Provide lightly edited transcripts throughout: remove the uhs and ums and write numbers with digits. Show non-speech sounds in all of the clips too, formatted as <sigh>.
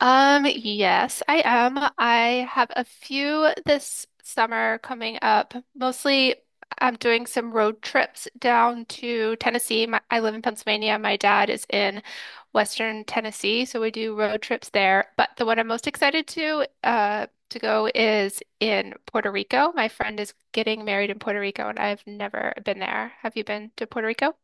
Yes, I am. I have a few this summer coming up. Mostly, I'm doing some road trips down to Tennessee. I live in Pennsylvania. My dad is in Western Tennessee, so we do road trips there. But the one I'm most excited to go is in Puerto Rico. My friend is getting married in Puerto Rico, and I've never been there. Have you been to Puerto Rico?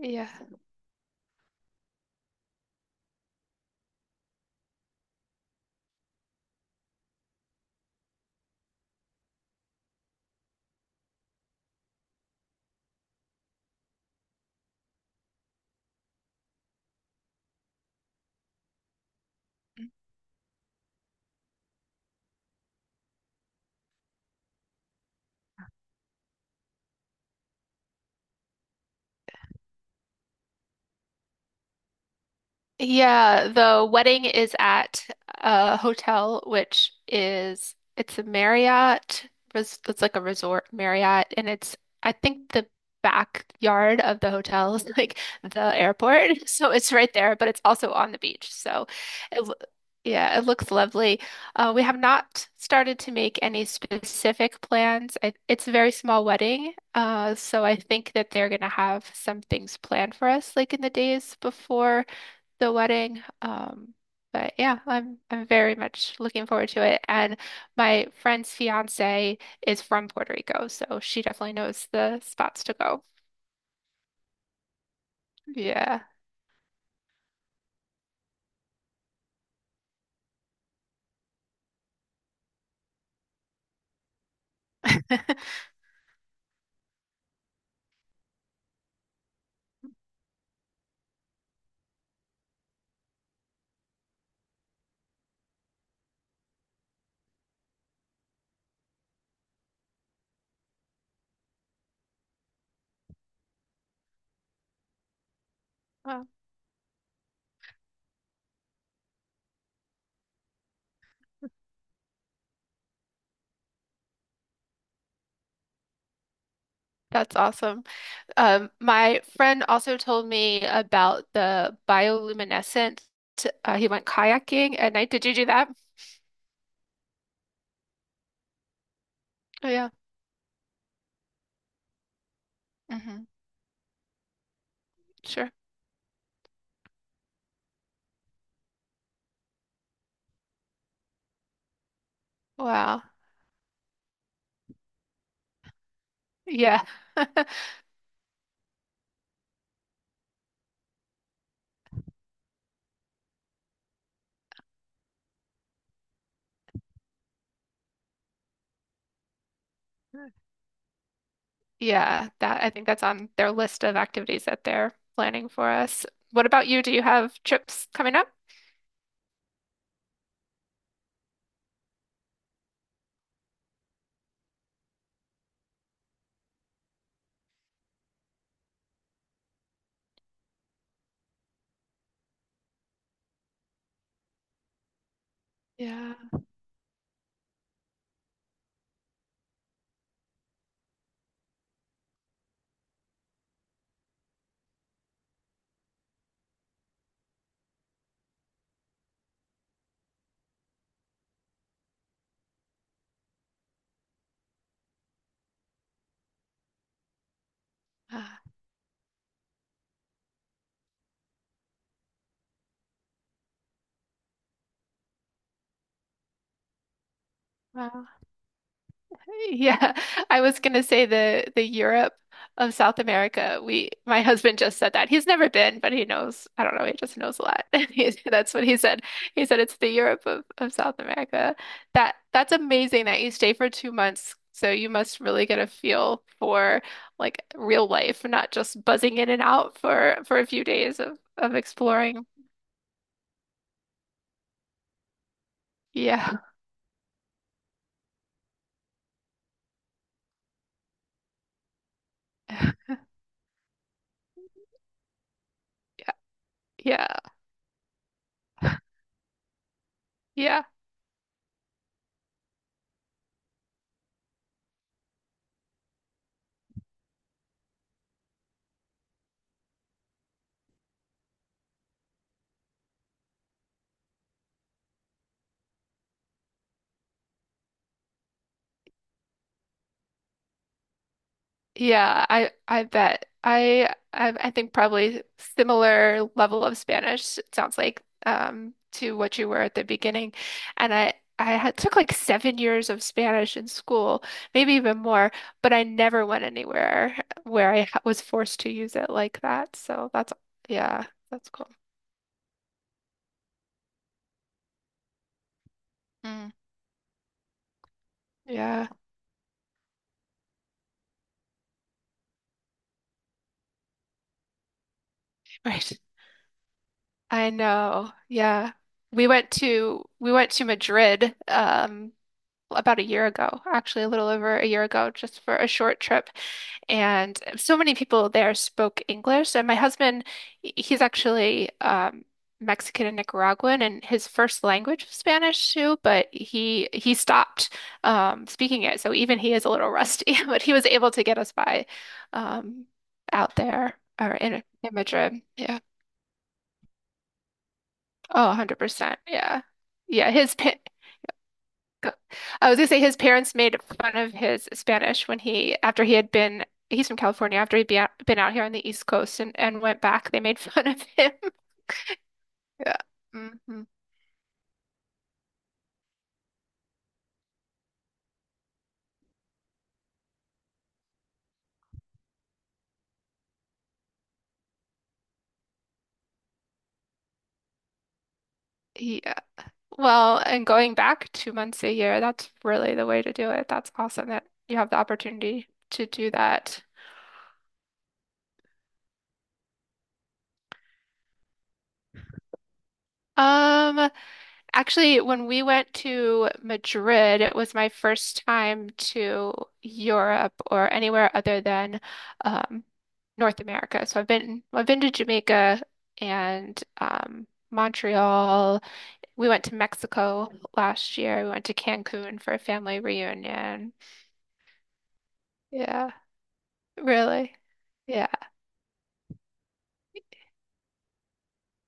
Yeah. Yeah, the wedding is at a hotel, which is it's a Marriott. It's like a resort Marriott, and it's I think the backyard of the hotel is <laughs> like the airport, <laughs> so it's right there, but it's also on the beach. So, it, lo- yeah, it looks lovely. We have not started to make any specific plans. It's a very small wedding, so I think that they're gonna have some things planned for us, like in the days before the wedding. But yeah, I'm very much looking forward to it. And my friend's fiance is from Puerto Rico, so she definitely knows the spots to go. Yeah. <laughs> Wow, that's awesome. My friend also told me about the bioluminescent. He went kayaking at night. Did you do that? Oh yeah. Hmm. Sure. Wow. Yeah. <laughs> Yeah, that I think that's on their list of activities that they're planning for us. What about you? Do you have trips coming up? Yeah. Ah, Wow. Yeah, <laughs> I was gonna say the Europe of South America. We My husband just said that. He's never been, but he knows. I don't know, he just knows a lot. <laughs> That's what he said. He said it's the Europe of South America. That's amazing that you stay for 2 months. So you must really get a feel for like real life, not just buzzing in and out for a few days of exploring. Yeah. <laughs> Yeah. Yeah. Yeah. Yeah, I bet. I think probably similar level of Spanish, it sounds like, to what you were at the beginning. And I took like 7 years of Spanish in school, maybe even more, but I never went anywhere where I was forced to use it like that. Yeah, that's cool. Mm, yeah, right. I know. Yeah. We went to Madrid, about a year ago, actually a little over a year ago, just for a short trip. And so many people there spoke English. And my husband, he's actually Mexican and Nicaraguan, and his first language was Spanish too, but he stopped speaking it. So even he is a little rusty, <laughs> but he was able to get us by um, out there or in Madrid. Yeah. Oh, 100%. Yeah. Yeah. Go- I was gonna say his parents made fun of his Spanish after he had been, he's from California, after he'd been out here on the East Coast and went back, they made <laughs> fun of him. <laughs> Yeah. Hmm. Yeah. Well, and going back 2 months a year, that's really the way to do it. That's awesome that you have the opportunity to do that. Um, Actually, when we went to Madrid, it was my first time to Europe or anywhere other than um, North America. So I've been to Jamaica and Montreal. We went to Mexico last year. We went to Cancun for a family reunion. Yeah, really. Yeah.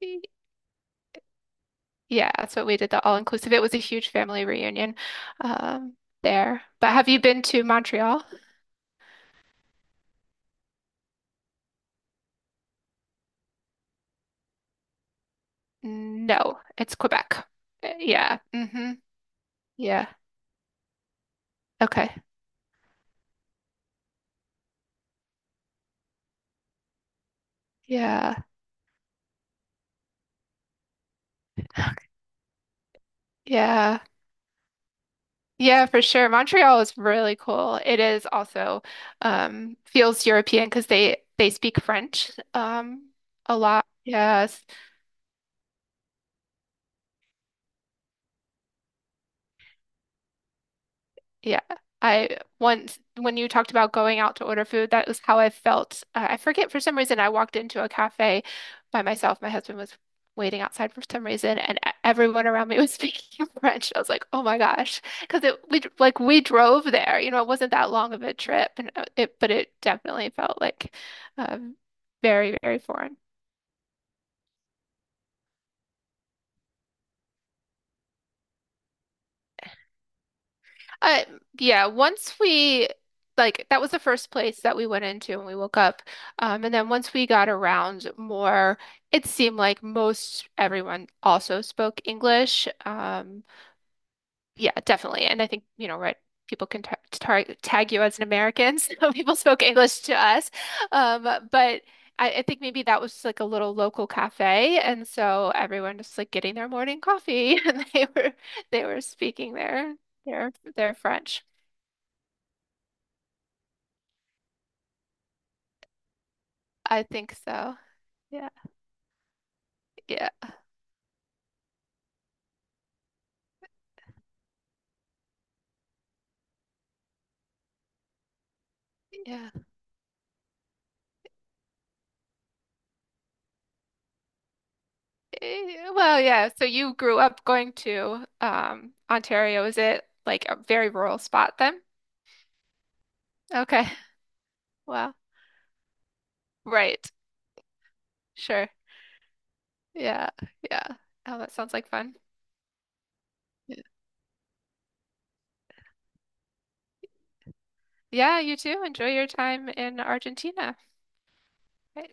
Y- Yeah, that's what we did, the all-inclusive. It was a huge family reunion um, there. But have you been to Montreal? No, it's Quebec. Yeah. Hmm. Yeah. Okay. Yeah. Yeah. Yeah, for sure. Montreal is really cool. It is also feels European because they speak French a lot. Yes. Yeah. I once, when you talked about going out to order food, that was how I felt. I forget for some reason, I walked into a cafe by myself. My husband was waiting outside for some reason, and everyone around me was <laughs> speaking French. I was like, oh my gosh. Because like, we drove there, it wasn't that long of a trip, and but it definitely felt like um, very, very foreign. Uh, yeah, once we like that was the first place that we went into when we woke up. And then once we got around more, it seemed like most everyone also spoke English. Yeah, definitely. And I think, right, people can ta tar tag you as an American, <laughs> so people spoke English to us. Um, but I think maybe that was like a little local cafe, and so everyone just like getting their morning coffee, <laughs> and they were speaking their French. I think so. Yeah. Yeah. Yeah. Well, yeah. So you grew up going to Ontario. Is it like a very rural spot then? Okay. Wow. Right. Sure. Yeah. Yeah. Oh, that sounds like fun. Yeah, you too. Enjoy your time in Argentina. Right.